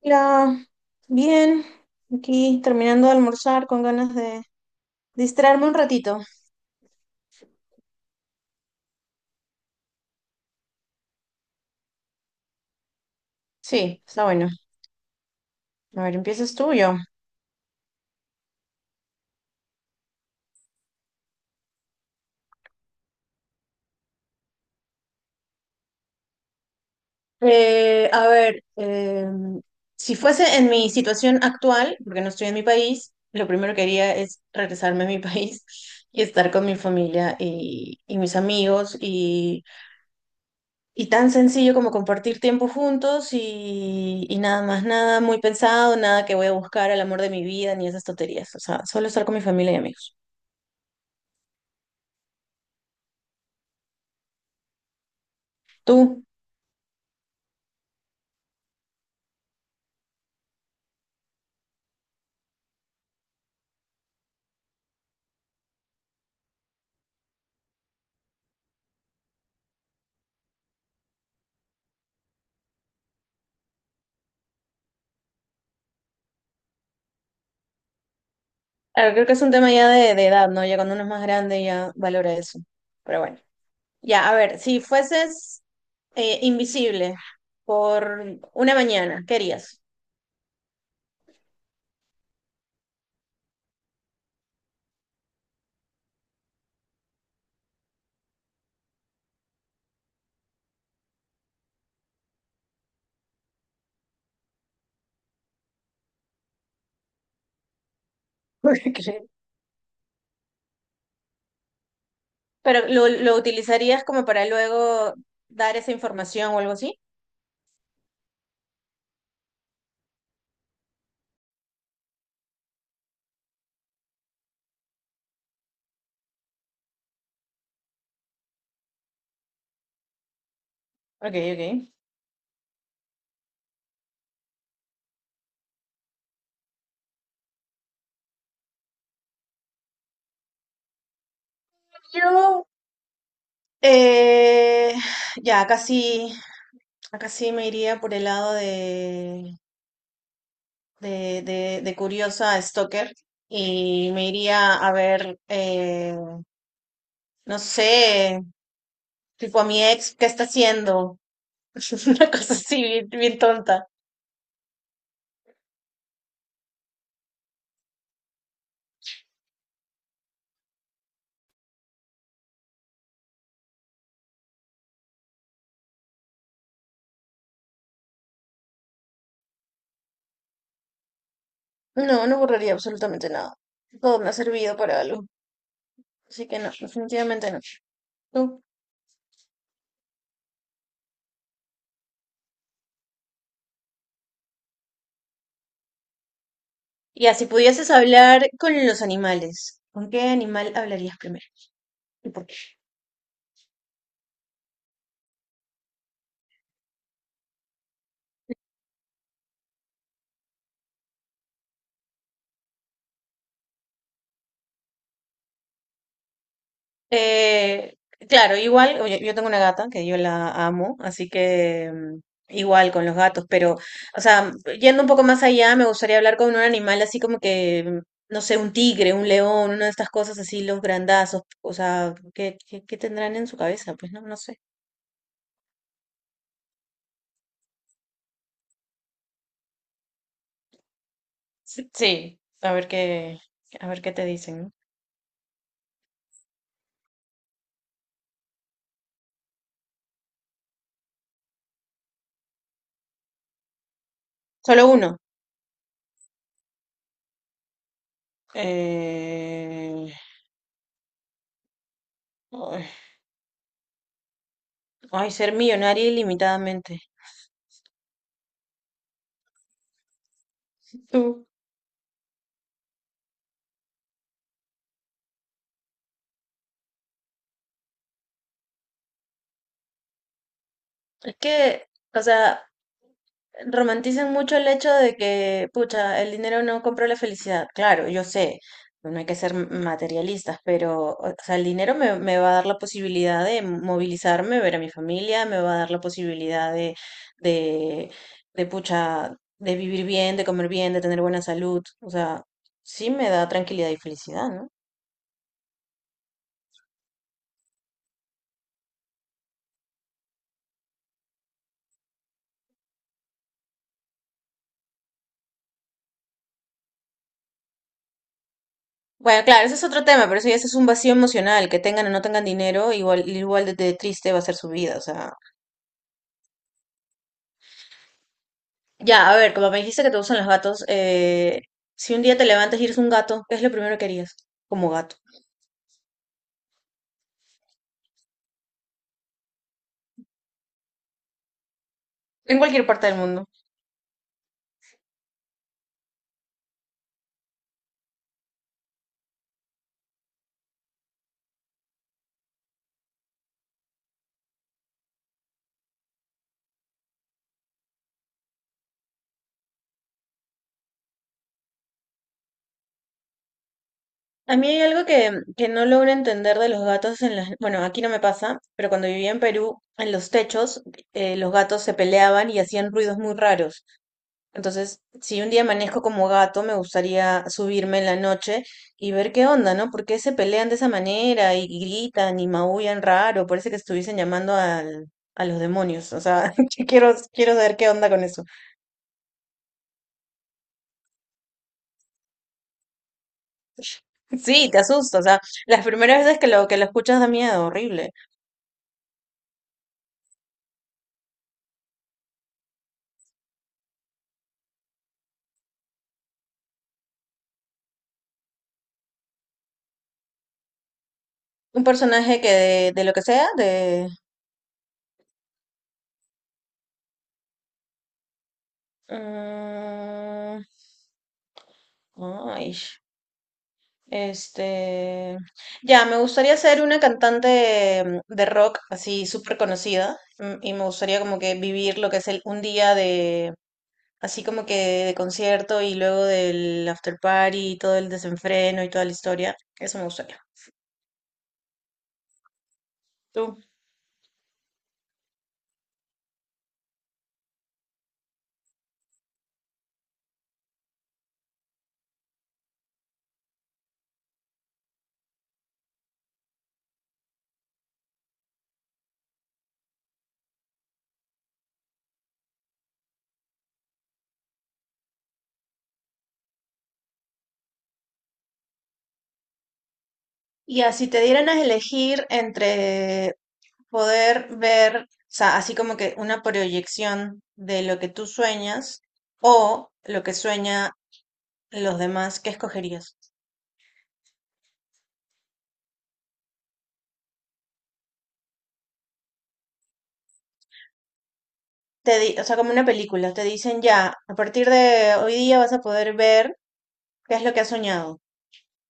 Hola, bien, aquí terminando de almorzar con ganas de distraerme un ratito. Sí, está bueno. A ver, ¿empiezas tú o yo? Eh, a ver, eh, si fuese en mi situación actual, porque no estoy en mi país, lo primero que haría es regresarme a mi país y estar con mi familia y mis amigos y tan sencillo como compartir tiempo juntos y nada más, nada muy pensado, nada que voy a buscar al amor de mi vida ni esas tonterías. O sea, solo estar con mi familia y amigos. Tú, a ver, creo que es un tema ya de edad, ¿no? Ya cuando uno es más grande ya valora eso. Pero bueno, ya, a ver, si fueses invisible por una mañana, ¿qué harías? ¿Qué crees? Pero lo utilizarías como para luego dar esa información o algo así. Ok, ok. Yo, Eh, ya, casi, casi me iría por el lado de curiosa a stalker y me iría a ver, no sé, tipo a mi ex, ¿qué está haciendo? Una cosa así, bien, bien tonta. No, no borraría absolutamente nada. Todo me ha servido para algo. Así que no, definitivamente no. ¿Tú? Ya, si pudieses hablar con los animales, ¿con qué animal hablarías primero? ¿Y por qué? Eh, claro, igual, yo tengo una gata que yo la amo, así que igual con los gatos, pero, o sea, yendo un poco más allá, me gustaría hablar con un animal así como que, no sé, un tigre, un león, una de estas cosas así, los grandazos, o sea, ¿qué tendrán en su cabeza? Pues no, no sé. Sí, sí, a ver qué te dicen, ¿no? Solo uno. Eh... Ay, ay, ser millonaria ilimitadamente. Tú. Es que, o sea, romanticen mucho el hecho de que, pucha, el dinero no compra la felicidad. Claro, yo sé, no hay que ser materialistas, pero, o sea, el dinero me va a dar la posibilidad de movilizarme, ver a mi familia, me va a dar la posibilidad de, pucha, de vivir bien, de comer bien, de tener buena salud. O sea, sí me da tranquilidad y felicidad, ¿no? Bueno, claro, ese es otro tema, pero eso ya ese es un vacío emocional, que tengan o no tengan dinero, igual, igual de triste va a ser su vida, o sea. Ya, a ver, como me dijiste que te gustan los gatos, si un día te levantas y eres un gato, ¿qué es lo primero que harías como gato? En cualquier parte del mundo. A mí hay algo que no logro entender de los gatos en las... Bueno, aquí no me pasa, pero cuando vivía en Perú, en los techos, los gatos se peleaban y hacían ruidos muy raros. Entonces, si un día amanezco como gato, me gustaría subirme en la noche y ver qué onda, ¿no? ¿Por qué se pelean de esa manera y gritan y maullan raro? Parece que estuviesen llamando al, a los demonios. O sea, que quiero, quiero saber qué onda con eso. Sí, te asusta. O sea, las primeras veces que lo escuchas da miedo, horrible. Un personaje que de lo que sea, de... mm, ay. Este, ya, me gustaría ser una cantante de rock así súper conocida, y me gustaría como que vivir lo que es el, un día de, así como que de concierto y luego del after party y todo el desenfreno y toda la historia. Eso me gustaría. ¿Tú? Y así te dieran a elegir entre poder ver, o sea, así como que una proyección de lo que tú sueñas o lo que sueña los demás, ¿qué escogerías? O sea, como una película, te dicen ya, a partir de hoy día vas a poder ver qué es lo que has soñado.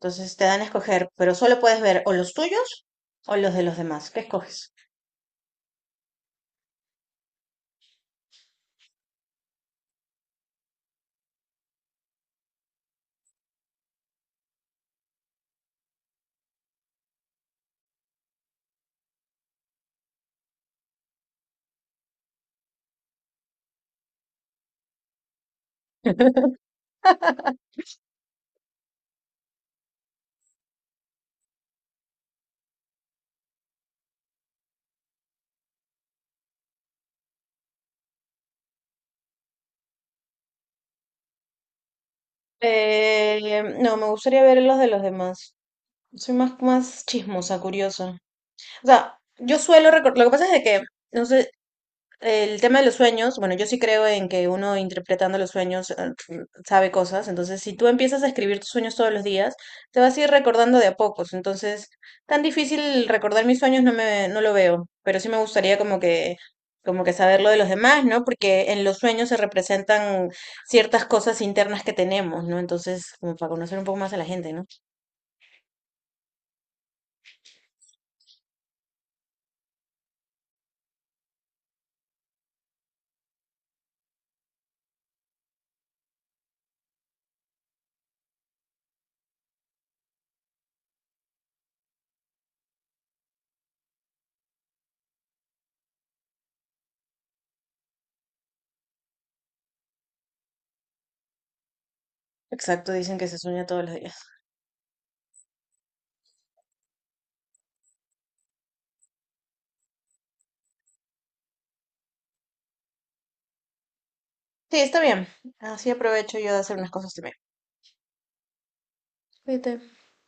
Entonces te dan a escoger, pero solo puedes ver o los tuyos o los de los demás. ¿Qué escoges? No, me gustaría ver los de los demás. Soy más, más chismosa, curiosa. O sea, yo suelo recordar, lo que pasa es de que, no sé, el tema de los sueños, bueno, yo sí creo en que uno interpretando los sueños sabe cosas, entonces si tú empiezas a escribir tus sueños todos los días, te vas a ir recordando de a pocos, entonces tan difícil recordar mis sueños no no lo veo, pero sí me gustaría como que saber lo de los demás, ¿no? Porque en los sueños se representan ciertas cosas internas que tenemos, ¿no? Entonces, como para conocer un poco más a la gente, ¿no? Exacto, dicen que se sueña todos los días. Sí, está bien, así aprovecho yo de hacer unas cosas también. Cuídate.